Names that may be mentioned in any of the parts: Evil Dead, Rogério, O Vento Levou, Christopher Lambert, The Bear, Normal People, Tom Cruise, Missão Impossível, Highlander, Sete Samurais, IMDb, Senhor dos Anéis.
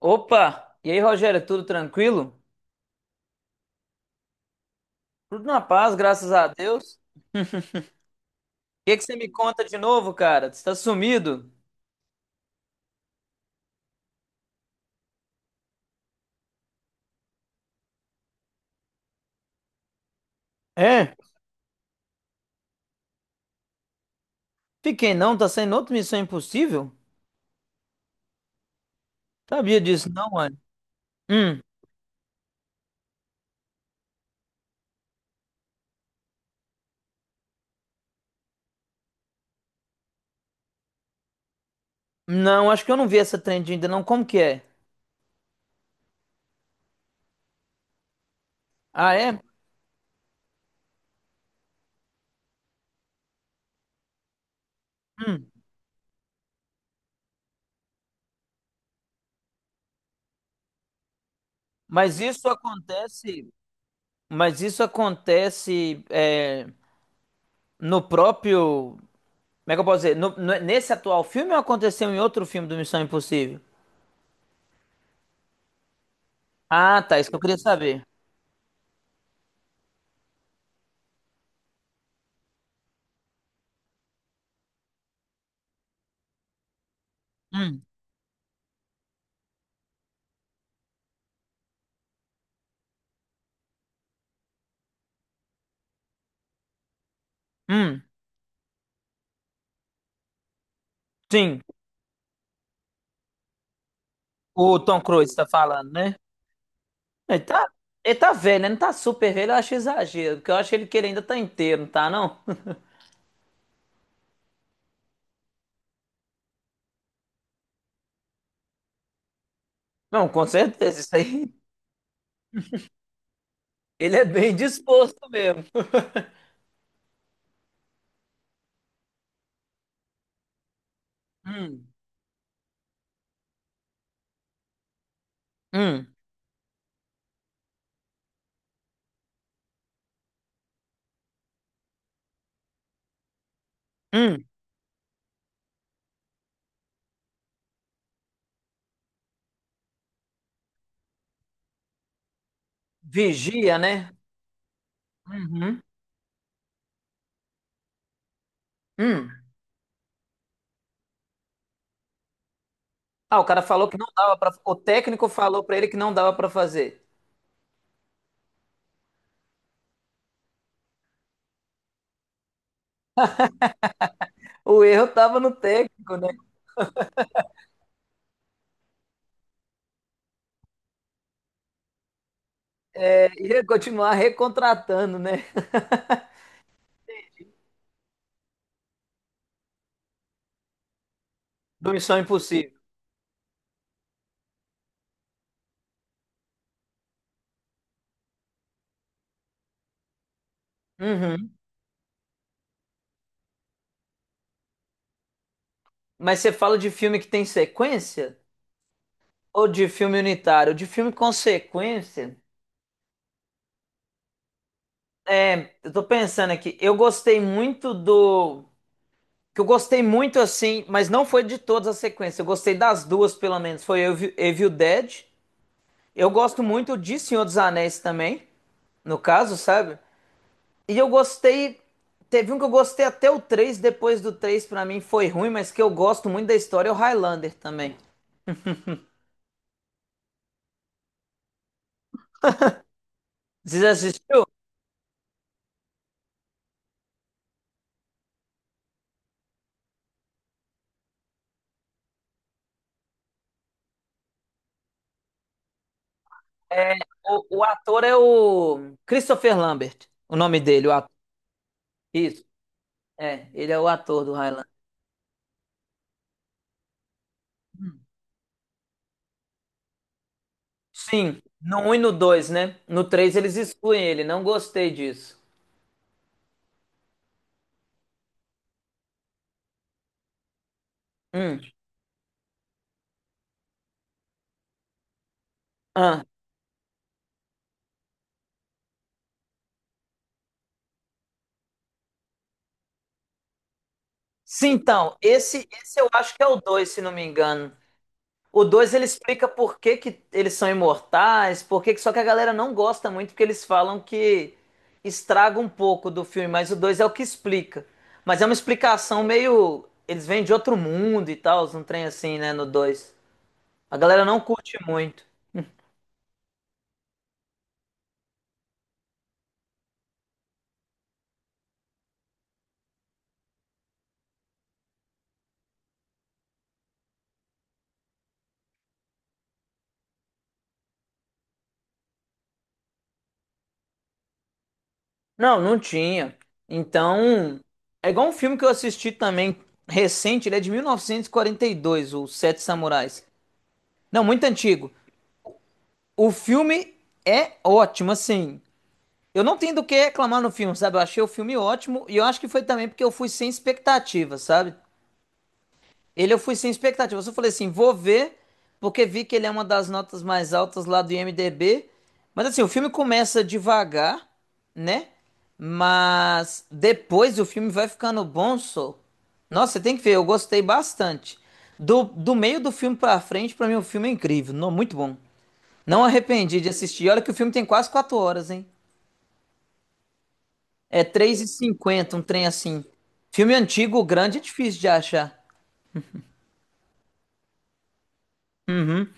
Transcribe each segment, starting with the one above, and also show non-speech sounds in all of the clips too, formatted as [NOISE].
Opa! E aí, Rogério, tudo tranquilo? Tudo na paz, graças a Deus. O que que você me conta de novo, cara? Você tá sumido? É, fiquei não, tá saindo outra Missão Impossível? Sabia disso não, mano. Hum. Não, acho que eu não vi essa trend ainda não, como que é? Ah, é? Hum. Mas isso acontece, mas isso acontece é, no próprio, como é que eu posso dizer, nesse atual filme ou aconteceu em outro filme do Missão Impossível? Ah, tá, isso que eu queria saber. Hum. Hum. Sim. O Tom Cruise tá falando, né? Ele tá, ele tá velho, né? Não tá super velho, eu acho exagero, porque eu acho que ele ainda tá inteiro, não tá, não? [LAUGHS] Não, com certeza, isso aí. Ele é bem disposto mesmo. Hum. Hum. Hum. Vigia, né? Uhum. Hum. Ah, o cara falou que não dava pra. O técnico falou pra ele que não dava pra fazer. O erro tava no técnico, né? É, ia continuar recontratando, né? [LAUGHS] Do Missão Impossível. Uhum. Mas você fala de filme que tem sequência? Ou de filme unitário, de filme consequência. É, eu tô pensando aqui, eu gostei muito do. Que eu gostei muito assim, mas não foi de todas as sequências. Eu gostei das duas, pelo menos. Foi Evil Dead. Eu gosto muito de Senhor dos Anéis também, no caso, sabe? E eu gostei. Teve um que eu gostei até o 3. Depois do 3, pra mim foi ruim, mas que eu gosto muito da história, é o Highlander também. Vocês assistiu? É, o ator é o Christopher Lambert, o nome dele, o ator. Isso, é, ele é o ator do Highlander. Sim, no um e no 2, né? No 3 eles excluem ele, não gostei disso. Hum. Ah. Sim, então, esse eu acho que é o 2, se não me engano. O 2 ele explica por que que eles são imortais, por que que... Só que a galera não gosta muito, porque eles falam que estraga um pouco do filme, mas o 2 é o que explica. Mas é uma explicação meio... Eles vêm de outro mundo e tal, um trem assim, né, no dois. A galera não curte muito. Não, não tinha. Então, é igual um filme que eu assisti também recente, ele é de mil novecentos e quarenta e dois, o Sete Samurais. Não, muito antigo. O filme é ótimo, assim. Eu não tenho do que reclamar no filme, sabe? Eu achei o filme ótimo e eu acho que foi também porque eu fui sem expectativa, sabe? Ele eu fui sem expectativa. Eu só falei assim, vou ver, porque vi que ele é uma das notas mais altas lá do IMDb. Mas assim, o filme começa devagar, né? Mas depois o filme vai ficando bom, só. Nossa, você tem que ver, eu gostei bastante. Do meio do filme pra frente, pra mim o filme é incrível, não, muito bom. Não arrependi de assistir. Olha que o filme tem quase 4 horas, hein? É 3h50, um trem assim. Filme antigo, grande, é difícil de achar. Uhum.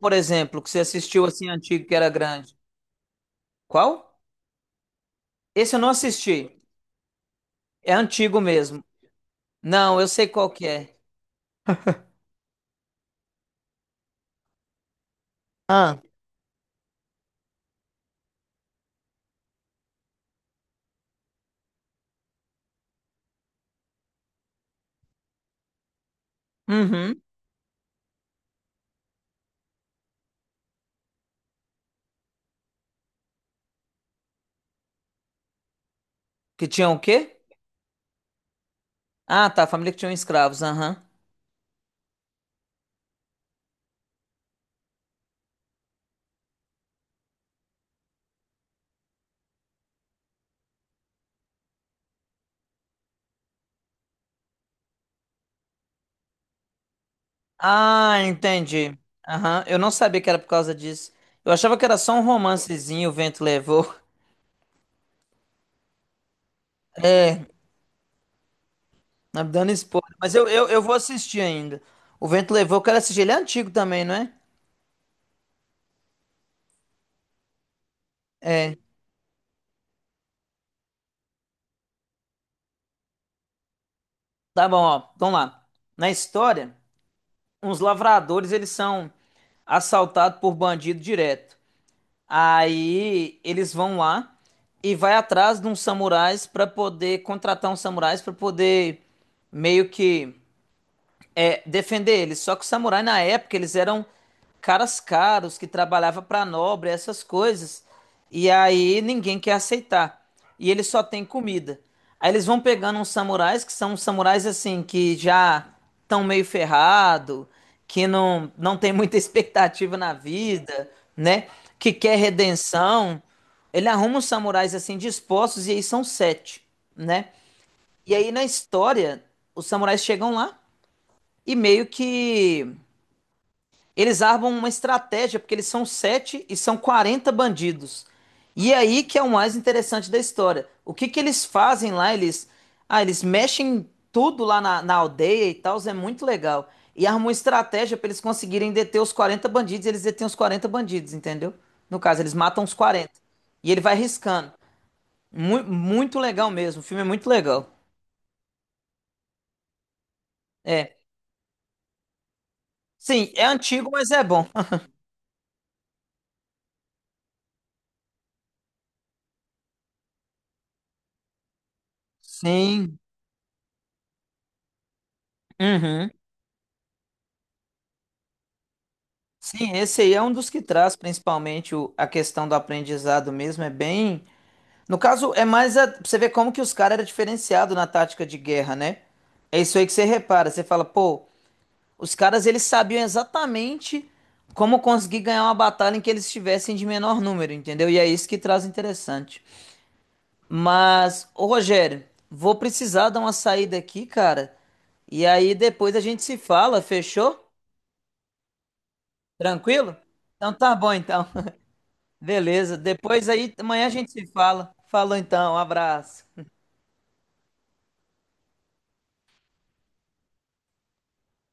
Por exemplo, que você assistiu assim antigo que era grande? Qual? Esse eu não assisti. É antigo mesmo. Não, eu sei qual que é. Ah. Uhum. Que tinham o quê? Ah, tá. Família que tinha escravos. Aham. Ah, entendi. Aham. Eu não sabia que era por causa disso. Eu achava que era só um romancezinho, o vento levou. [LAUGHS] É, tá me dando spoiler. Mas eu vou assistir ainda. O vento levou, eu quero assistir. Ele é antigo também, não é? É. Tá bom, ó. Vamos lá. Na história. Uns lavradores, eles são assaltados por bandido direto. Aí eles vão lá e vai atrás de uns samurais para poder contratar uns samurais para poder meio que defender eles. Só que os samurais na época eles eram caras caros que trabalhavam para nobre, essas coisas. E aí ninguém quer aceitar. E eles só têm comida. Aí eles vão pegando uns samurais que são uns samurais assim que já estão meio ferrado, que não tem muita [LAUGHS] expectativa na vida, né? Que quer redenção. Ele arruma uns samurais assim dispostos e aí são sete, né? E aí na história os samurais chegam lá e meio que eles armam uma estratégia, porque eles são sete e são 40 bandidos. E é aí que é o mais interessante da história. O que que eles fazem lá? Eles mexem tudo lá na aldeia e tal, é muito legal. E armam uma estratégia para eles conseguirem deter os 40 bandidos, e eles detêm os 40 bandidos, entendeu? No caso, eles matam os 40. E ele vai riscando. Muito legal mesmo, o filme é muito legal. É. Sim, é antigo, mas é bom. [LAUGHS] Sim. Uhum. Sim, esse aí é um dos que traz principalmente a questão do aprendizado mesmo, é bem. No caso, é mais a, pra você ver como que os caras eram diferenciados na tática de guerra, né? É isso aí que você repara, você fala, pô, os caras eles sabiam exatamente como conseguir ganhar uma batalha em que eles estivessem de menor número, entendeu? E é isso que traz interessante. Mas, ô Rogério, vou precisar dar uma saída aqui, cara. E aí depois a gente se fala, fechou? Tranquilo? Então tá bom então. Beleza. Depois aí, amanhã a gente se fala. Falou então, um abraço.